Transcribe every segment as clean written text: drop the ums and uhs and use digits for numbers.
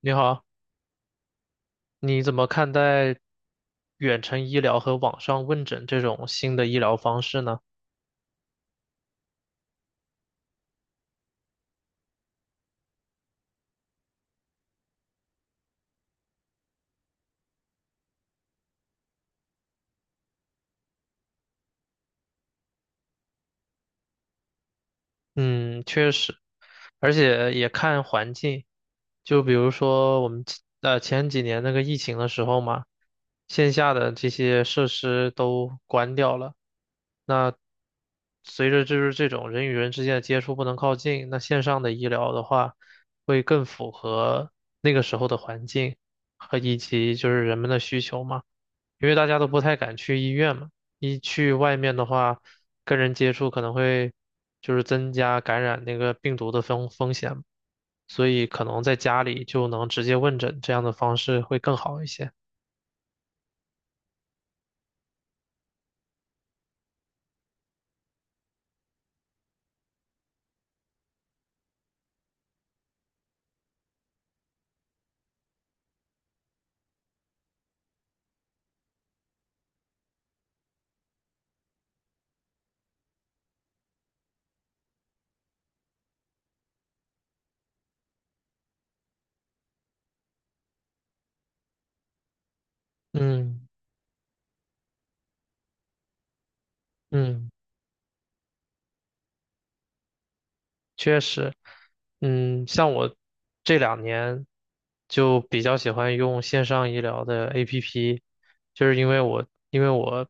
你好，你怎么看待远程医疗和网上问诊这种新的医疗方式呢？嗯，确实，而且也看环境，就比如说我们前几年那个疫情的时候嘛，线下的这些设施都关掉了，那随着就是这种人与人之间的接触不能靠近，那线上的医疗的话，会跟那个时候的环境和以及就是人们的需求嘛。因为大家都不太敢去医院嘛，一去外面的话，跟人接触可能会就是增加感染那个病毒的风险，所以可能在家里就能直接问诊，这样的方式会更好一些。嗯嗯。确实，嗯，像我这两年就比较喜欢用线上医疗的 APP，就是因为我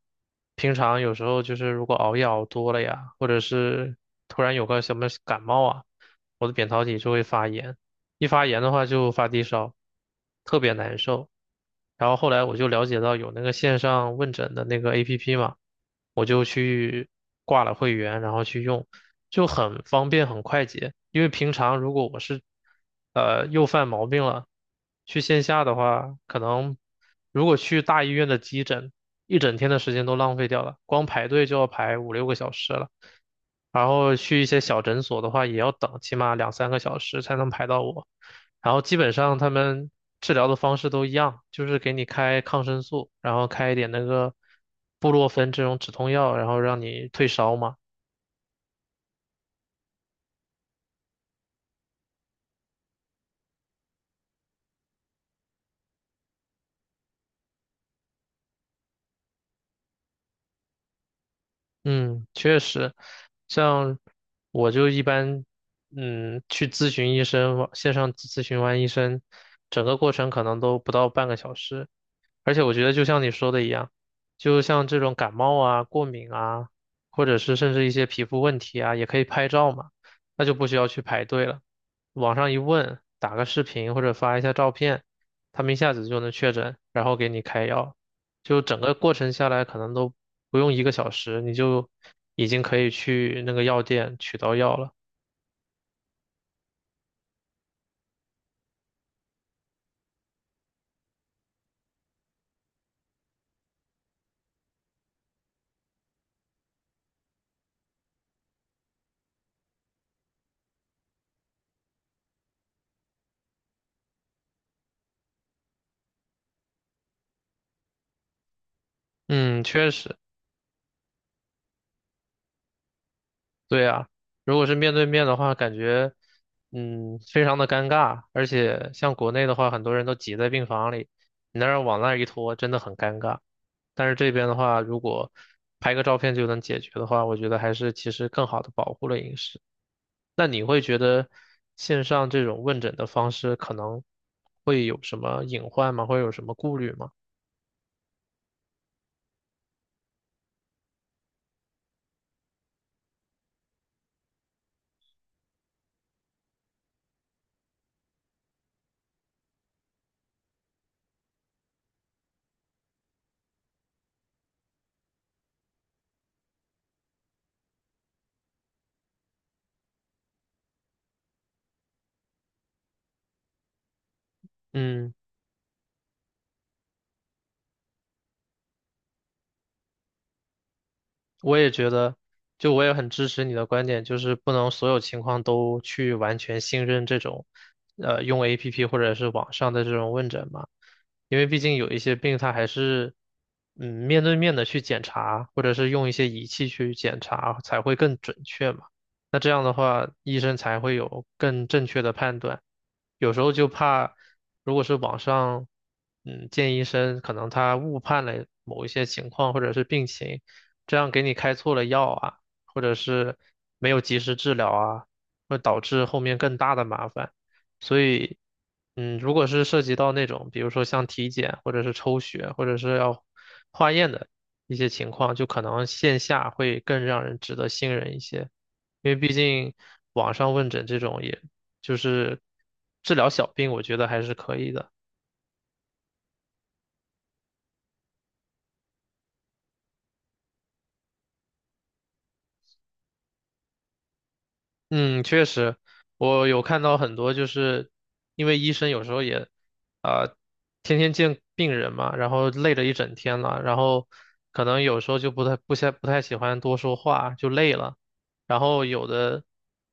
平常有时候就是如果熬夜熬多了呀，或者是突然有个什么感冒啊，我的扁桃体就会发炎，一发炎的话就发低烧，特别难受。然后后来我就了解到有那个线上问诊的那个 APP 嘛，我就去挂了会员，然后去用，就很方便很快捷。因为平常如果我是又犯毛病了，去线下的话，可能如果去大医院的急诊，一整天的时间都浪费掉了，光排队就要排5、6个小时了。然后去一些小诊所的话，也要等起码2、3个小时才能排到我。然后基本上他们治疗的方式都一样，就是给你开抗生素，然后开一点那个布洛芬这种止痛药，然后让你退烧嘛。嗯，确实，像我就一般，去咨询医生，网线上咨询完医生，整个过程可能都不到半个小时，而且我觉得就像你说的一样，就像这种感冒啊、过敏啊，或者是甚至一些皮肤问题啊，也可以拍照嘛，那就不需要去排队了。网上一问，打个视频或者发一下照片，他们一下子就能确诊，然后给你开药。就整个过程下来，可能都不用一个小时，你就已经可以去那个药店取到药了。嗯，确实。对啊，如果是面对面的话，感觉非常的尴尬，而且像国内的话，很多人都挤在病房里，你那儿往那儿一拖，真的很尴尬。但是这边的话，如果拍个照片就能解决的话，我觉得还是其实更好的保护了隐私。那你会觉得线上这种问诊的方式可能会有什么隐患吗？会有什么顾虑吗？嗯。我也觉得，就我也很支持你的观点，就是不能所有情况都去完全信任这种，用 APP 或者是网上的这种问诊嘛，因为毕竟有一些病它还是，面对面的去检查，或者是用一些仪器去检查才会更准确嘛。那这样的话，医生才会有更正确的判断。有时候就怕，如果是网上，见医生，可能他误判了某一些情况或者是病情。这样给你开错了药啊，或者是没有及时治疗啊，会导致后面更大的麻烦。所以，如果是涉及到那种，比如说像体检或者是抽血或者是要化验的一些情况，就可能线下会更让人值得信任一些，因为毕竟网上问诊这种也就是治疗小病，我觉得还是可以的。嗯，确实，我有看到很多，就是因为医生有时候也，啊、天天见病人嘛，然后累了一整天了，然后可能有时候就不太喜欢多说话，就累了，然后有的，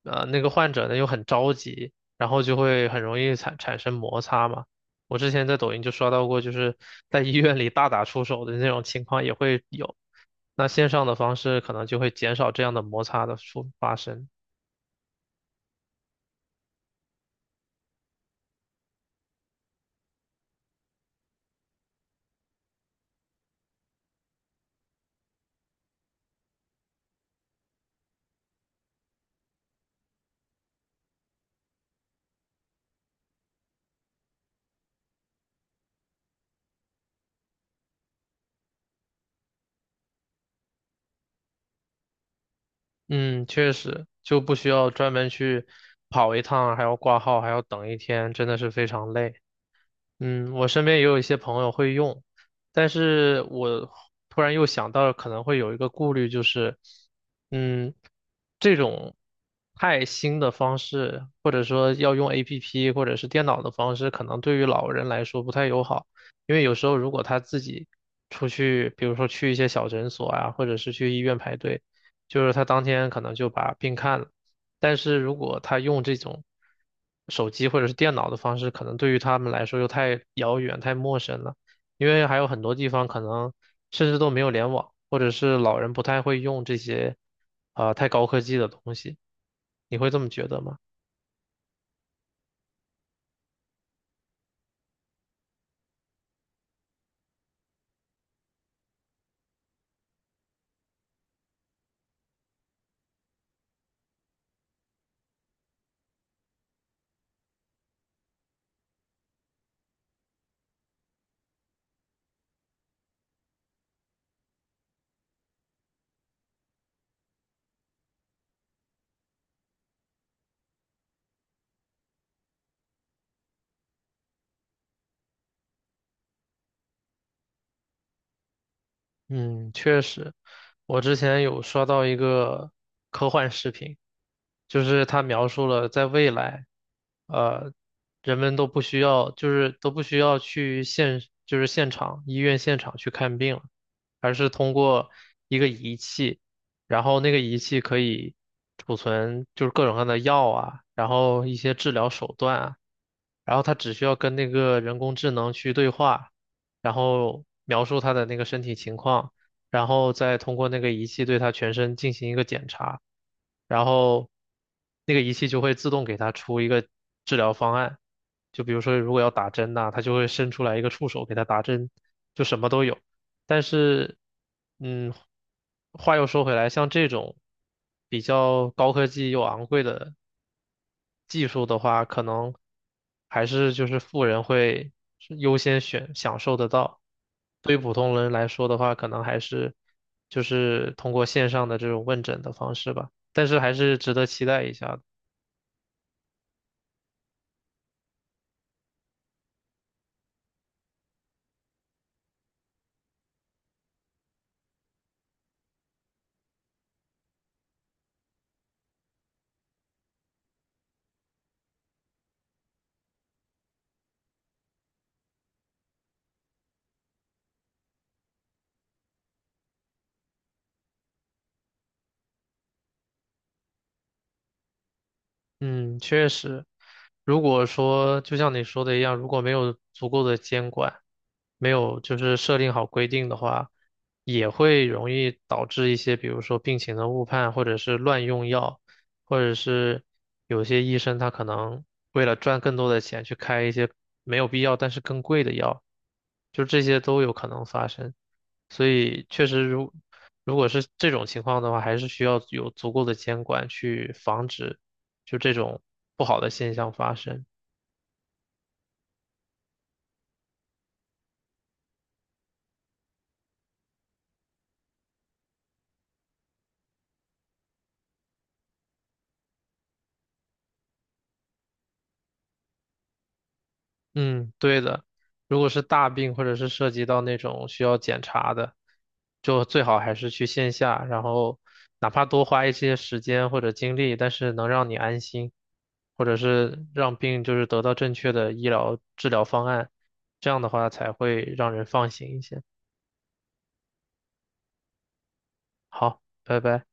那个患者呢又很着急，然后就会很容易产生摩擦嘛。我之前在抖音就刷到过，就是在医院里大打出手的那种情况也会有，那线上的方式可能就会减少这样的摩擦的发生。嗯，确实就不需要专门去跑一趟，还要挂号，还要等一天，真的是非常累。嗯，我身边也有一些朋友会用，但是我突然又想到，可能会有一个顾虑，就是，嗯。这种太新的方式，或者说要用 APP 或者是电脑的方式，可能对于老人来说不太友好，因为有时候如果他自己出去，比如说去一些小诊所啊，或者是去医院排队，就是他当天可能就把病看了，但是如果他用这种手机或者是电脑的方式，可能对于他们来说又太遥远、太陌生了。因为还有很多地方可能甚至都没有联网，或者是老人不太会用这些，太高科技的东西。你会这么觉得吗？嗯，确实，我之前有刷到一个科幻视频，就是他描述了在未来，呃，人们都不需要，就是都不需要去就是现场，医院现场去看病了，而是通过一个仪器，然后那个仪器可以储存就是各种各样的药啊，然后一些治疗手段啊，然后它只需要跟那个人工智能去对话。然后描述他的那个身体情况，然后再通过那个仪器对他全身进行一个检查，然后那个仪器就会自动给他出一个治疗方案。就比如说，如果要打针呐、它就会伸出来一个触手给他打针，就什么都有。但是，嗯，话又说回来，像这种比较高科技又昂贵的技术的话，可能还是就是富人会是优先选享受得到。对于普通人来说的话，可能还是就是通过线上的这种问诊的方式吧，但是还是值得期待一下的。嗯，确实，如果说就像你说的一样，如果没有足够的监管，没有就是设定好规定的话，也会容易导致一些，比如说病情的误判，或者是乱用药，或者是有些医生他可能为了赚更多的钱去开一些没有必要但是更贵的药，就这些都有可能发生。所以确实如果是这种情况的话，还是需要有足够的监管去防止。就这种不好的现象发生。嗯，对的。如果是大病或者是涉及到那种需要检查的，就最好还是去线下，然后哪怕多花一些时间或者精力，但是能让你安心，或者是让病就是得到正确的医疗治疗方案，这样的话才会让人放心一些。好，拜拜。